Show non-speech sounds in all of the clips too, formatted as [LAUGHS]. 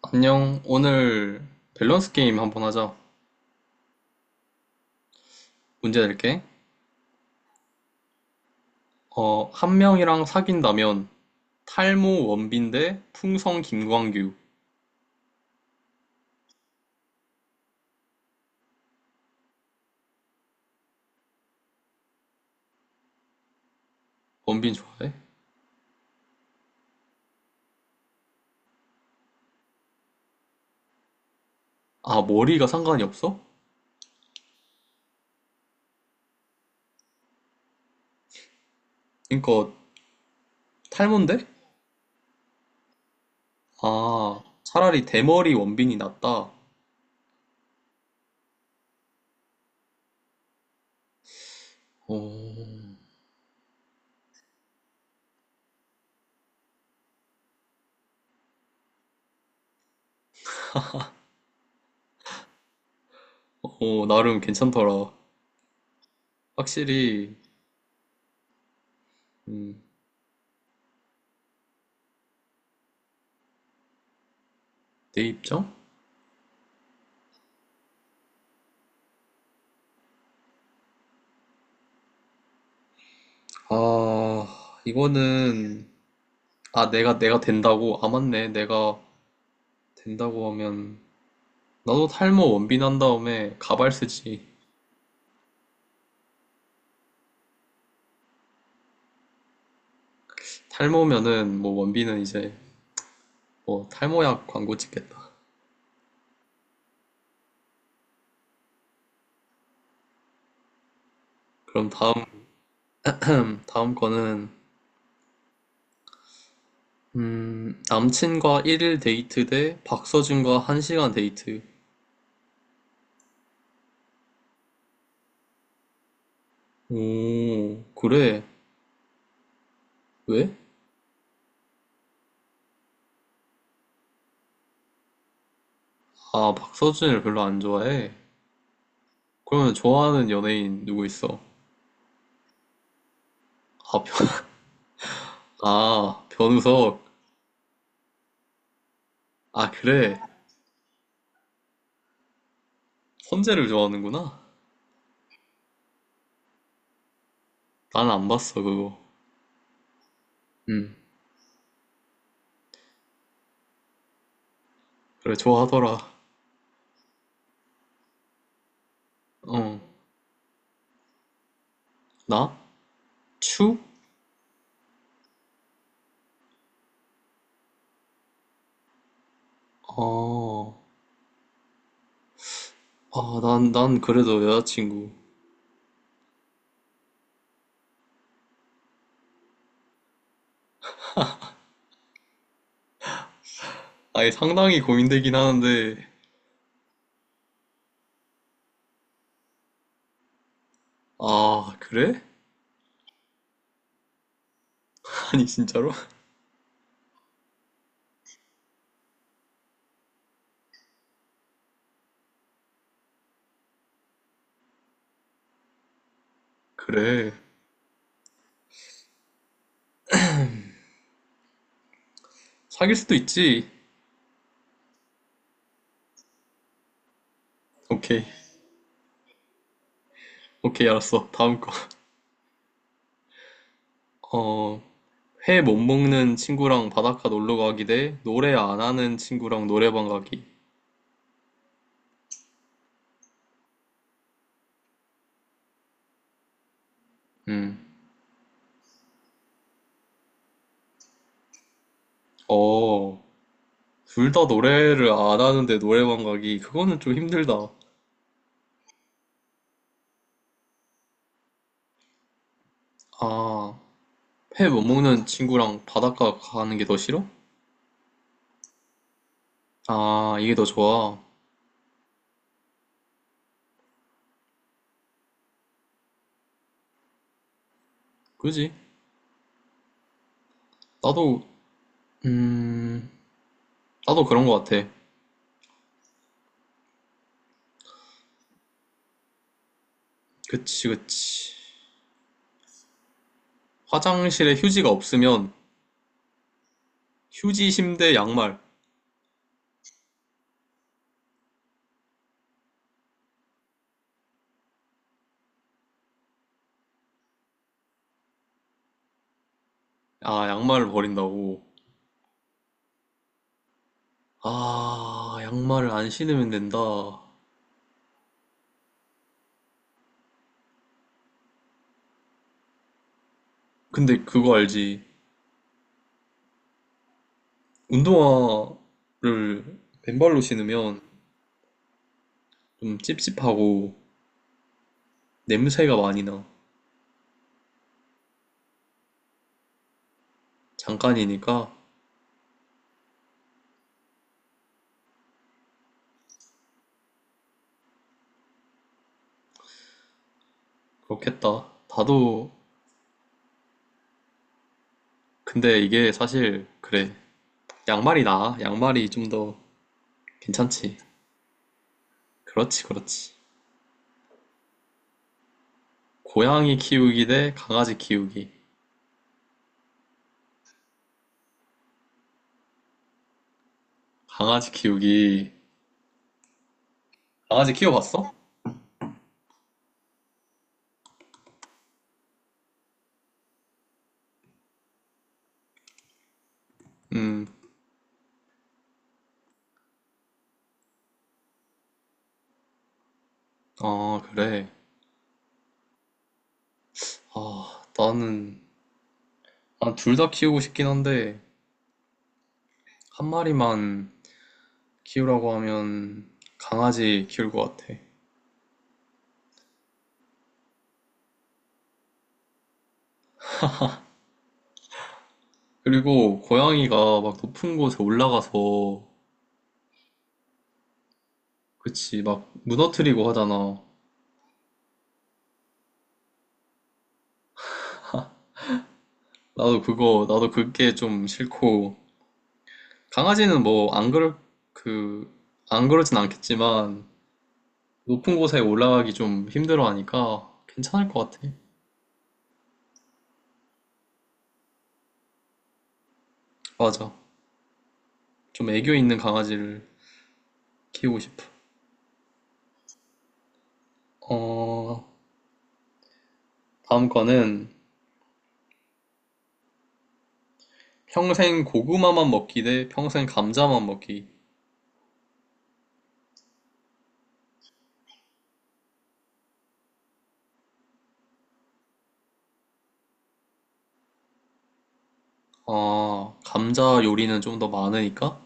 안녕. 오늘 밸런스 게임 한번 하자. 문제 낼게. 한 명이랑 사귄다면 탈모 원빈 대 풍성 김광규. 원빈 좋아해? 아, 머리가 상관이 없어? 그러니까 탈모인데? 아, 차라리 대머리 원빈이 낫다. 어, 어, 나름 괜찮더라. 확실히 음, 내 입장? 아, 이거는 아, 내가 된다고? 아, 맞네. 내가 된다고 하면 나도 탈모 원빈 한 다음에 가발 쓰지. 탈모면은 뭐 원빈은 이제 뭐 탈모약 광고 찍겠다. 그럼 다음 [CLEARS THROAT] 다음 거는 남친과 1일 데이트 대 박서준과 1시간 데이트. 오, 그래. 왜? 아, 박서준을 별로 안 좋아해. 그러면 좋아하는 연예인 누구 있어? 아, 변, [LAUGHS] 아, 변우석. 아, 그래. 선재를 좋아하는구나. 난 안 봤어, 그거. 음, 그래, 좋아하더라. 어. 나? 추? 어, 난 그래도 여자친구. 아니, 상당히 고민되긴 하는데, 아, 그래? [LAUGHS] 아니, 진짜로? [LAUGHS] 그래. 사귈 수도 있지. 오케이. 오케이, 알았어. 다음 거. 어, 회 못 먹는 친구랑 바닷가 놀러 가기 대 노래 안 하는 친구랑 노래방 가기. 음, 어, 둘 다 노래를 안 하는데 노래방 가기. 그거는 좀 힘들다. 아, 회 못 먹는 친구랑 바닷가 가는 게 더 싫어? 아, 이게 더 좋아. 그지? 나도, 음, 나도 그런 것 같아. 그치, 그치. 화장실에 휴지가 없으면 휴지, 심대, 양말. 아, 양말을 버린다고. 아, 양말을 안 신으면 된다. 근데 그거 알지? 운동화를 맨발로 신으면 좀 찝찝하고 냄새가 많이 나. 잠깐이니까 그렇겠다. 나도, 근데 이게 사실, 그래. 양말이 나아. 양말이 좀더 괜찮지. 그렇지, 그렇지. 고양이 키우기 대 강아지 키우기. 강아지 키우기. 강아지 키워봤어? 음, 아, 그래. 아, 난 둘 다 키우고 싶긴 한데, 한 마리만 키우라고 하면 강아지 키울 것 같아. 그리고 고양이가 막 높은 곳에 올라가서, 그치, 막 무너뜨리고 하잖아. 나도 그게 좀 싫고, 강아지는 뭐, 안 그럴, 그, 안 그러진 않겠지만, 높은 곳에 올라가기 좀 힘들어 하니까 괜찮을 것 같아. 맞아. 좀 애교 있는 강아지를 키우고 싶어. 어, 다음 거는 평생 고구마만 먹기 대 평생 감자만 먹기. 아, 감자 요리는 좀 더 많으니까?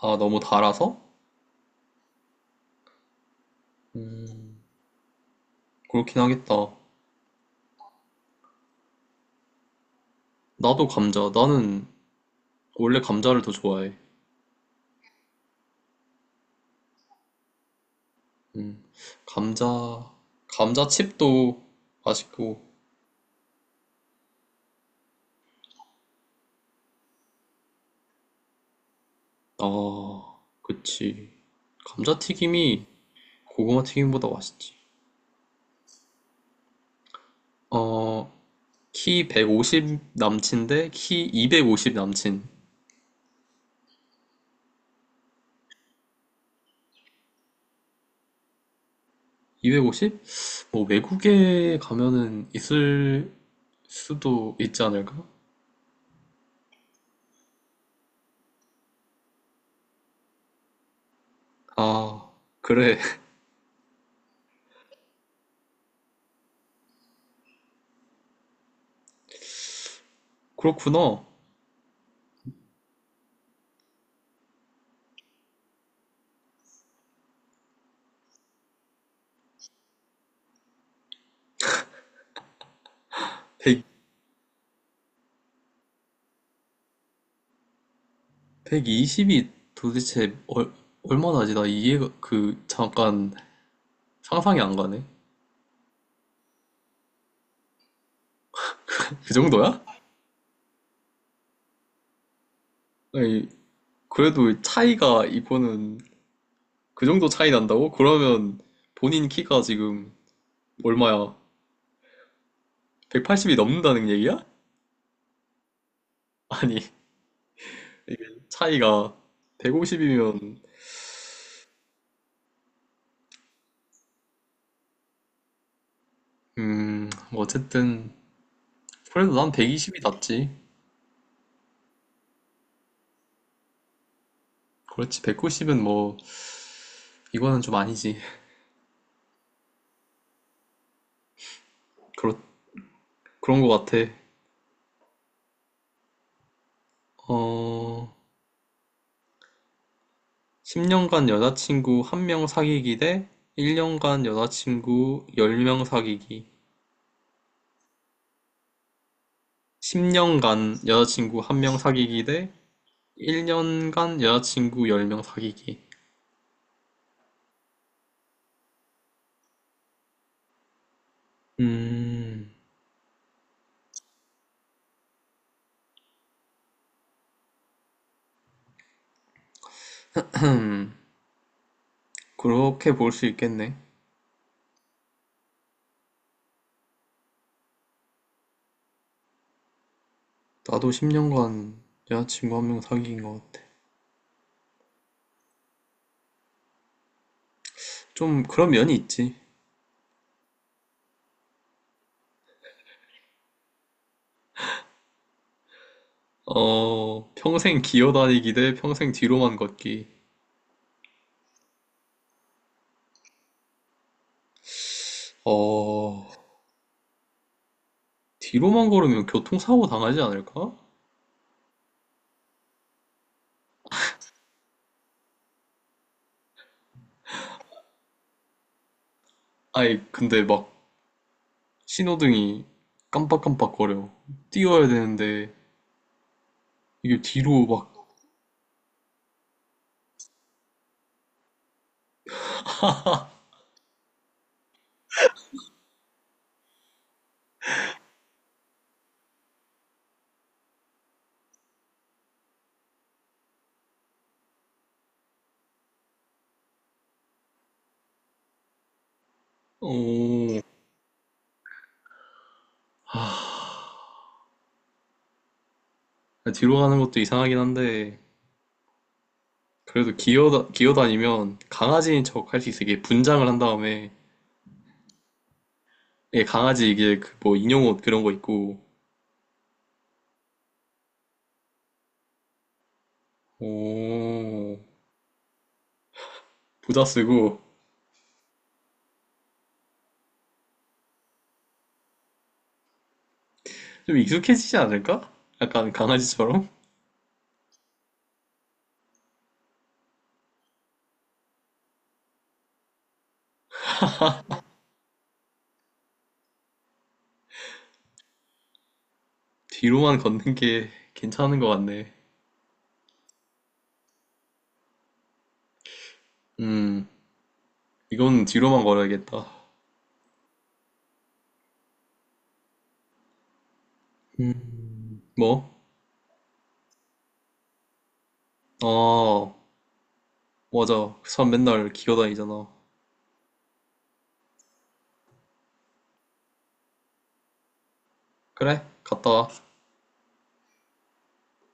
아, 너무 달아서? 음, 그렇긴 하겠다. 나도 감자. 나는 원래 감자를 더 좋아해. 음, 감자, 감자칩도 맛있고. 아, 그치. 감자튀김이 고구마 튀김보다 맛있지. 어, 키 150 남친데 키 250 남친. 250? 뭐 외국에 가면은 있을 수도 있지 않을까? 아, 그래. [LAUGHS] 그렇구나. 1백이십2 0이 도대체 얼마나지? 나 이해가, 잠깐 상상이 안 가네. 그 정도야? 아니, 그래도 차이가 이거는 그 정도 차이 난다고? 그러면 본인 키가 지금 얼마야? 180이 넘는다는 얘기야? [LAUGHS] 아니, 이게 차이가 150이면, 뭐 어쨌든, 그래도 난 120이 낫지. 그렇지, 190은 뭐, 이거는 좀 아니지. 그렇, 그런 거 같아. 어, 10년간 여자친구 한 명 사귀기 대 1년간 여자친구 10명 사귀기. 10년간 여자친구 한 명 사귀기 대 1년간 여자친구 열 명 사귀기. 음, 음, 그렇게 볼 수 있겠네. 나도 10년간 여자친구 한 명 사귄 것 같아. 좀 그런 면이 있지. 평생 기어다니기 대 평생 뒤로만 걷기. 어, 뒤로만 걸으면 교통사고 당하지 않을까? 아니, 근데 막 신호등이 깜빡깜빡거려. 뛰어야 되는데 이게 뒤로 막, 어, 뒤로 가는 것도 이상하긴 한데 그래도 기어다니면 강아지인 척 할 수 있어. 이게 분장을 한 다음에 예, 강아지 이게 그 뭐 인형옷 그런 거 있고 오, 부자 쓰고 좀 익숙해지지 않을까? 약간 강아지처럼? [LAUGHS] 뒤로만 걷는 게 괜찮은 것 같네. 음, 이건 뒤로만 걸어야겠다. 음. 뭐? 아, 맞아. 그 사람 맨날 기어 다니잖아. 그래, 갔다 와.